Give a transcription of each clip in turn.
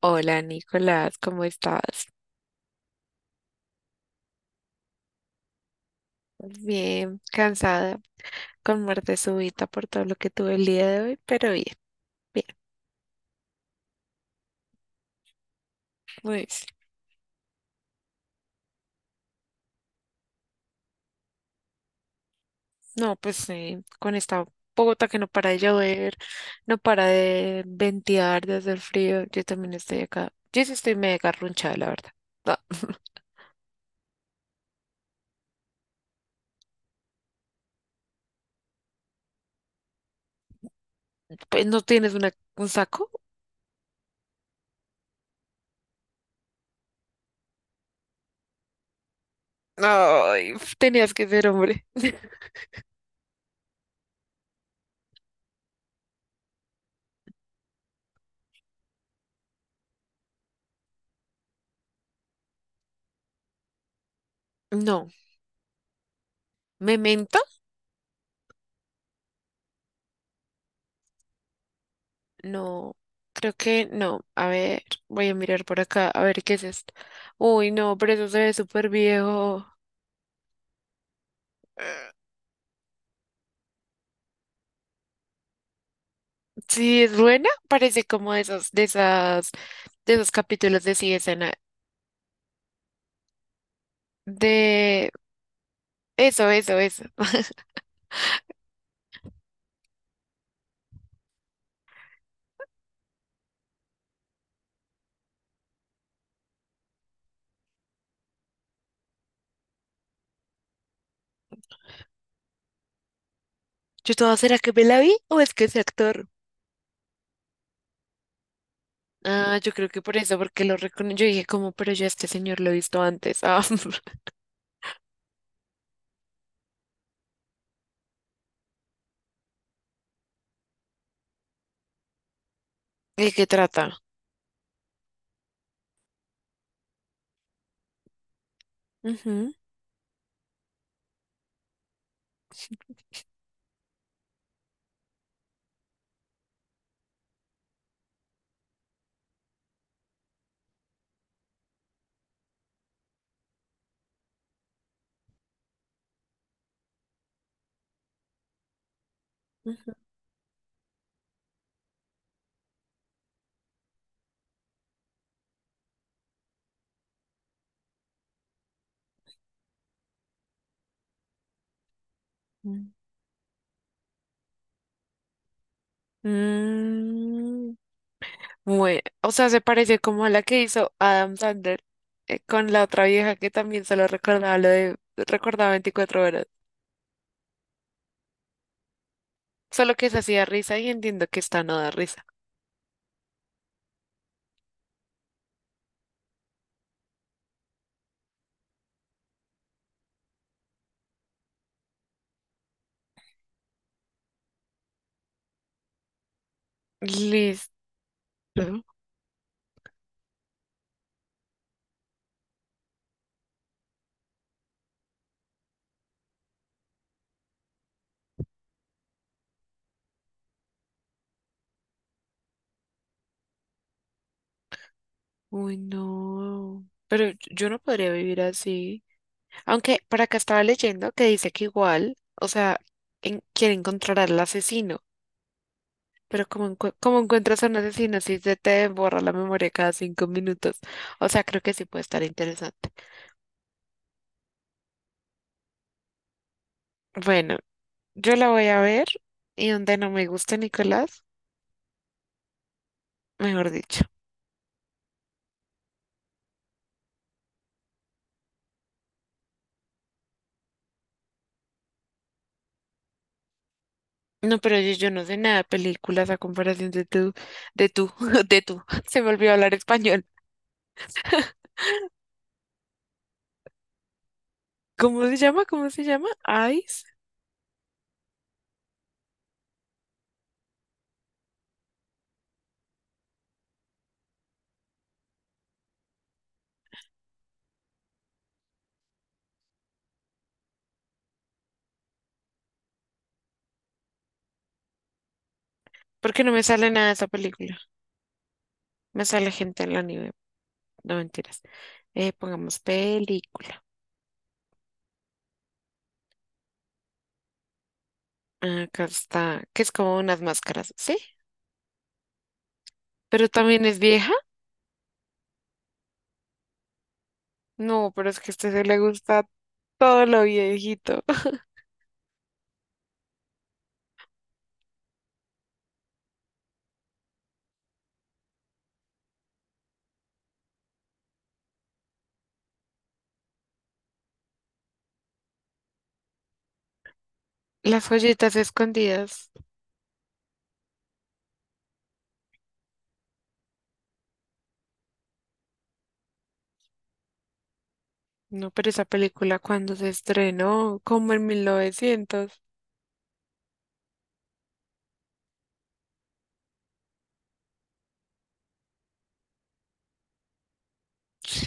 Hola Nicolás, ¿cómo estás? Bien, cansada, con muerte súbita por todo lo que tuve el día de hoy, pero bien, bien. Pues, no, pues con esta Bogotá que no para de llover, no para de ventear, de hacer frío, yo también estoy acá. Yo sí estoy mega garrunchada, la verdad. No, pues no tienes una, un saco. Ay, tenías que ser hombre. No, memento. No, creo que no. A ver, voy a mirar por acá, a ver qué es esto. Uy, no, pero eso se ve súper viejo. Eh, Sí, es buena. Parece como de esos, de esas, de esos capítulos de CSI. De eso, eso, eso. Yo toda, ¿será que me la vi o es que ese actor? Ah, yo creo que por eso, porque lo reconocí. Yo dije, como, pero yo a este señor lo he visto antes. Ah, ¿de qué trata? Ujú, ujú. Mm. Muy, o sea, se parece como a la que hizo Adam Sandler, con la otra vieja que también solo recordaba lo de recordaba 24 horas. Solo que se hacía risa y entiendo que esta no da risa. Listo. Uy, no. Pero yo no podría vivir así. Aunque por acá estaba leyendo que dice que igual, o sea, quiere encontrar al asesino. Pero como, como encuentras a un asesino si se te borra la memoria cada 5 minutos? O sea, creo que sí puede estar interesante. Bueno. Yo la voy a ver, y donde no me gusta Nicolás, mejor dicho. No, pero yo no sé nada de películas a comparación de tú, de tú. Se me olvidó hablar español. ¿Cómo se llama? ¿Cómo se llama? Ice. Porque no me sale nada de esa película. Me sale gente en la nieve. No, mentiras. Pongamos película. Acá está, que es como unas máscaras, ¿sí? Pero también es vieja. No, pero es que a este se le gusta todo lo viejito. Las joyitas escondidas. No, pero esa película cuando se estrenó, como en 1900,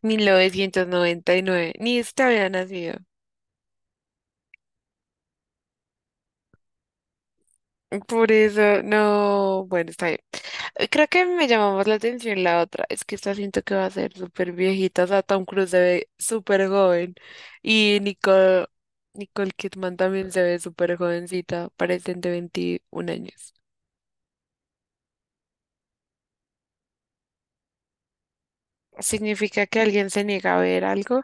1999, ni este había nacido. Por eso, no, bueno, está bien. Creo que me llamó más la atención la otra. Es que esta siento que va a ser súper viejita. O sea, Tom Cruise se ve súper joven. Y Nicole, Nicole Kidman también se ve súper jovencita. Parecen de 21 años. Significa que alguien se niega a ver algo,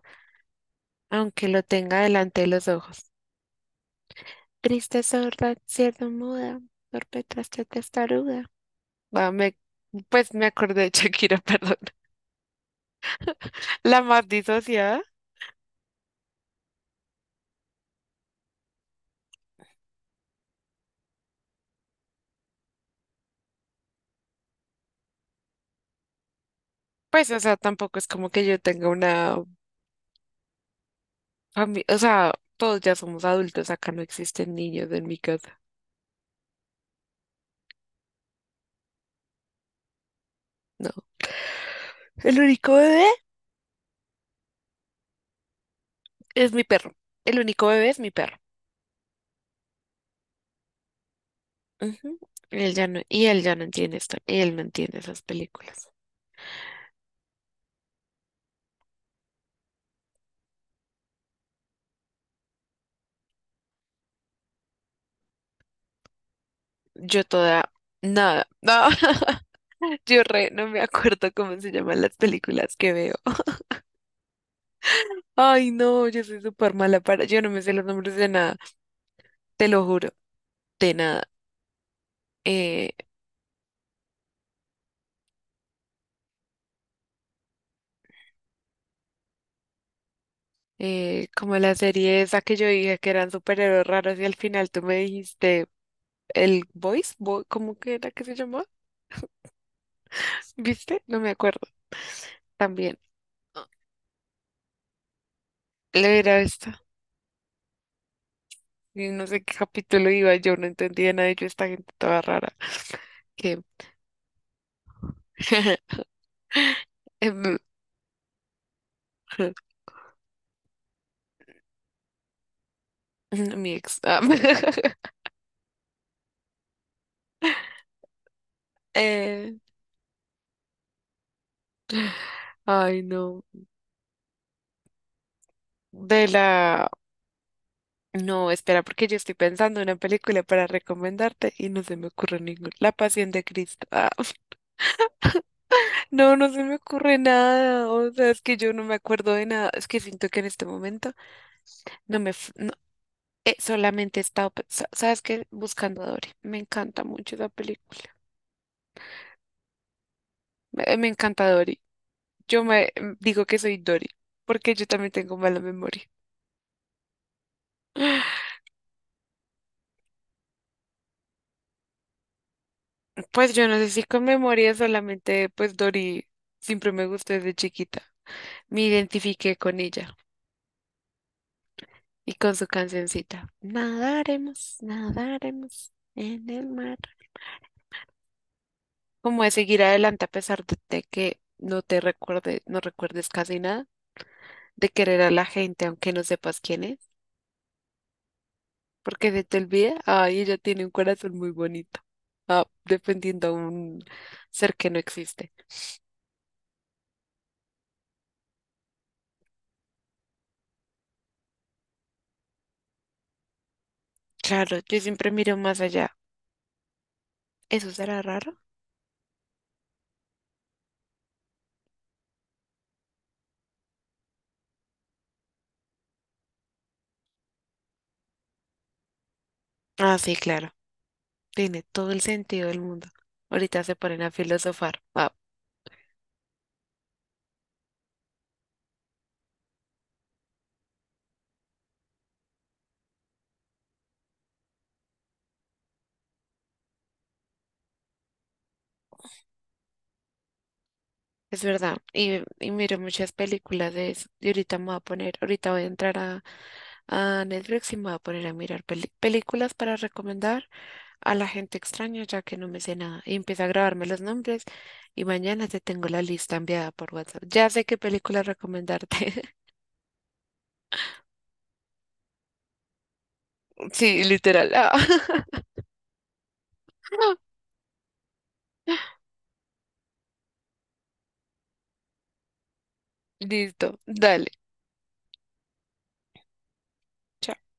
aunque lo tenga delante de los ojos. Triste sorda, cierto muda, perpetraste testaruda. Ah, me, pues me acordé de Shakira, perdón. La más disociada, pues, o sea, tampoco es como que yo tenga una familia, o sea, todos ya somos adultos, acá no existen niños en mi casa, no. El único bebé es mi perro, el único bebé es mi perro. Ujú. Él ya no, y él ya no entiende esto, él no entiende esas películas. Yo toda, nada, no, yo re, no me acuerdo cómo se llaman las películas que veo. Ay, no, yo soy súper mala para. Yo no me sé los nombres de nada, te lo juro, de nada. Eh, como la serie esa que yo dije que eran superhéroes raros y al final tú me dijiste el Voice, ¿cómo que era que se llamaba? ¿Viste? No me acuerdo. También. Ah, era esta. Y no sé qué capítulo iba, yo no entendía nada de yo, esta gente toda rara. Que. em, Mi ex. Eh, ay, no. De la. No, espera, porque yo estoy pensando en una película para recomendarte y no se me ocurre ninguna. La Pasión de Cristo. Ah, no, no se me ocurre nada. O sea, es que yo no me acuerdo de nada. Es que siento que en este momento no, solamente he estado, ¿sabes qué? Buscando a Dory. Me encanta mucho esa película. Me encanta Dory. Digo que soy Dory, porque yo también tengo mala memoria. Pues yo no sé si con memoria solamente, pues Dory siempre me gustó desde chiquita. Me identifiqué con ella. Y con su cancioncita, nadaremos, nadaremos en el mar. Como de seguir adelante a pesar de que no te recuerde, no recuerdes casi nada, de querer a la gente aunque no sepas quién es, porque se te olvida, ay, ella tiene un corazón muy bonito. Ah, defendiendo a un ser que no existe. Claro, yo siempre miro más allá. ¿Eso será raro? Ah, sí, claro. Tiene todo el sentido del mundo. Ahorita se ponen a filosofar. Ah, es verdad, y miro muchas películas de eso. Y ahorita me voy a poner, ahorita voy a entrar a Netflix y me voy a poner a mirar películas para recomendar a la gente extraña, ya que no me sé nada. Y empiezo a grabarme los nombres y mañana te tengo la lista enviada por WhatsApp. Ya sé qué película recomendarte. Sí, literal. Ah. Listo, dale. Chao.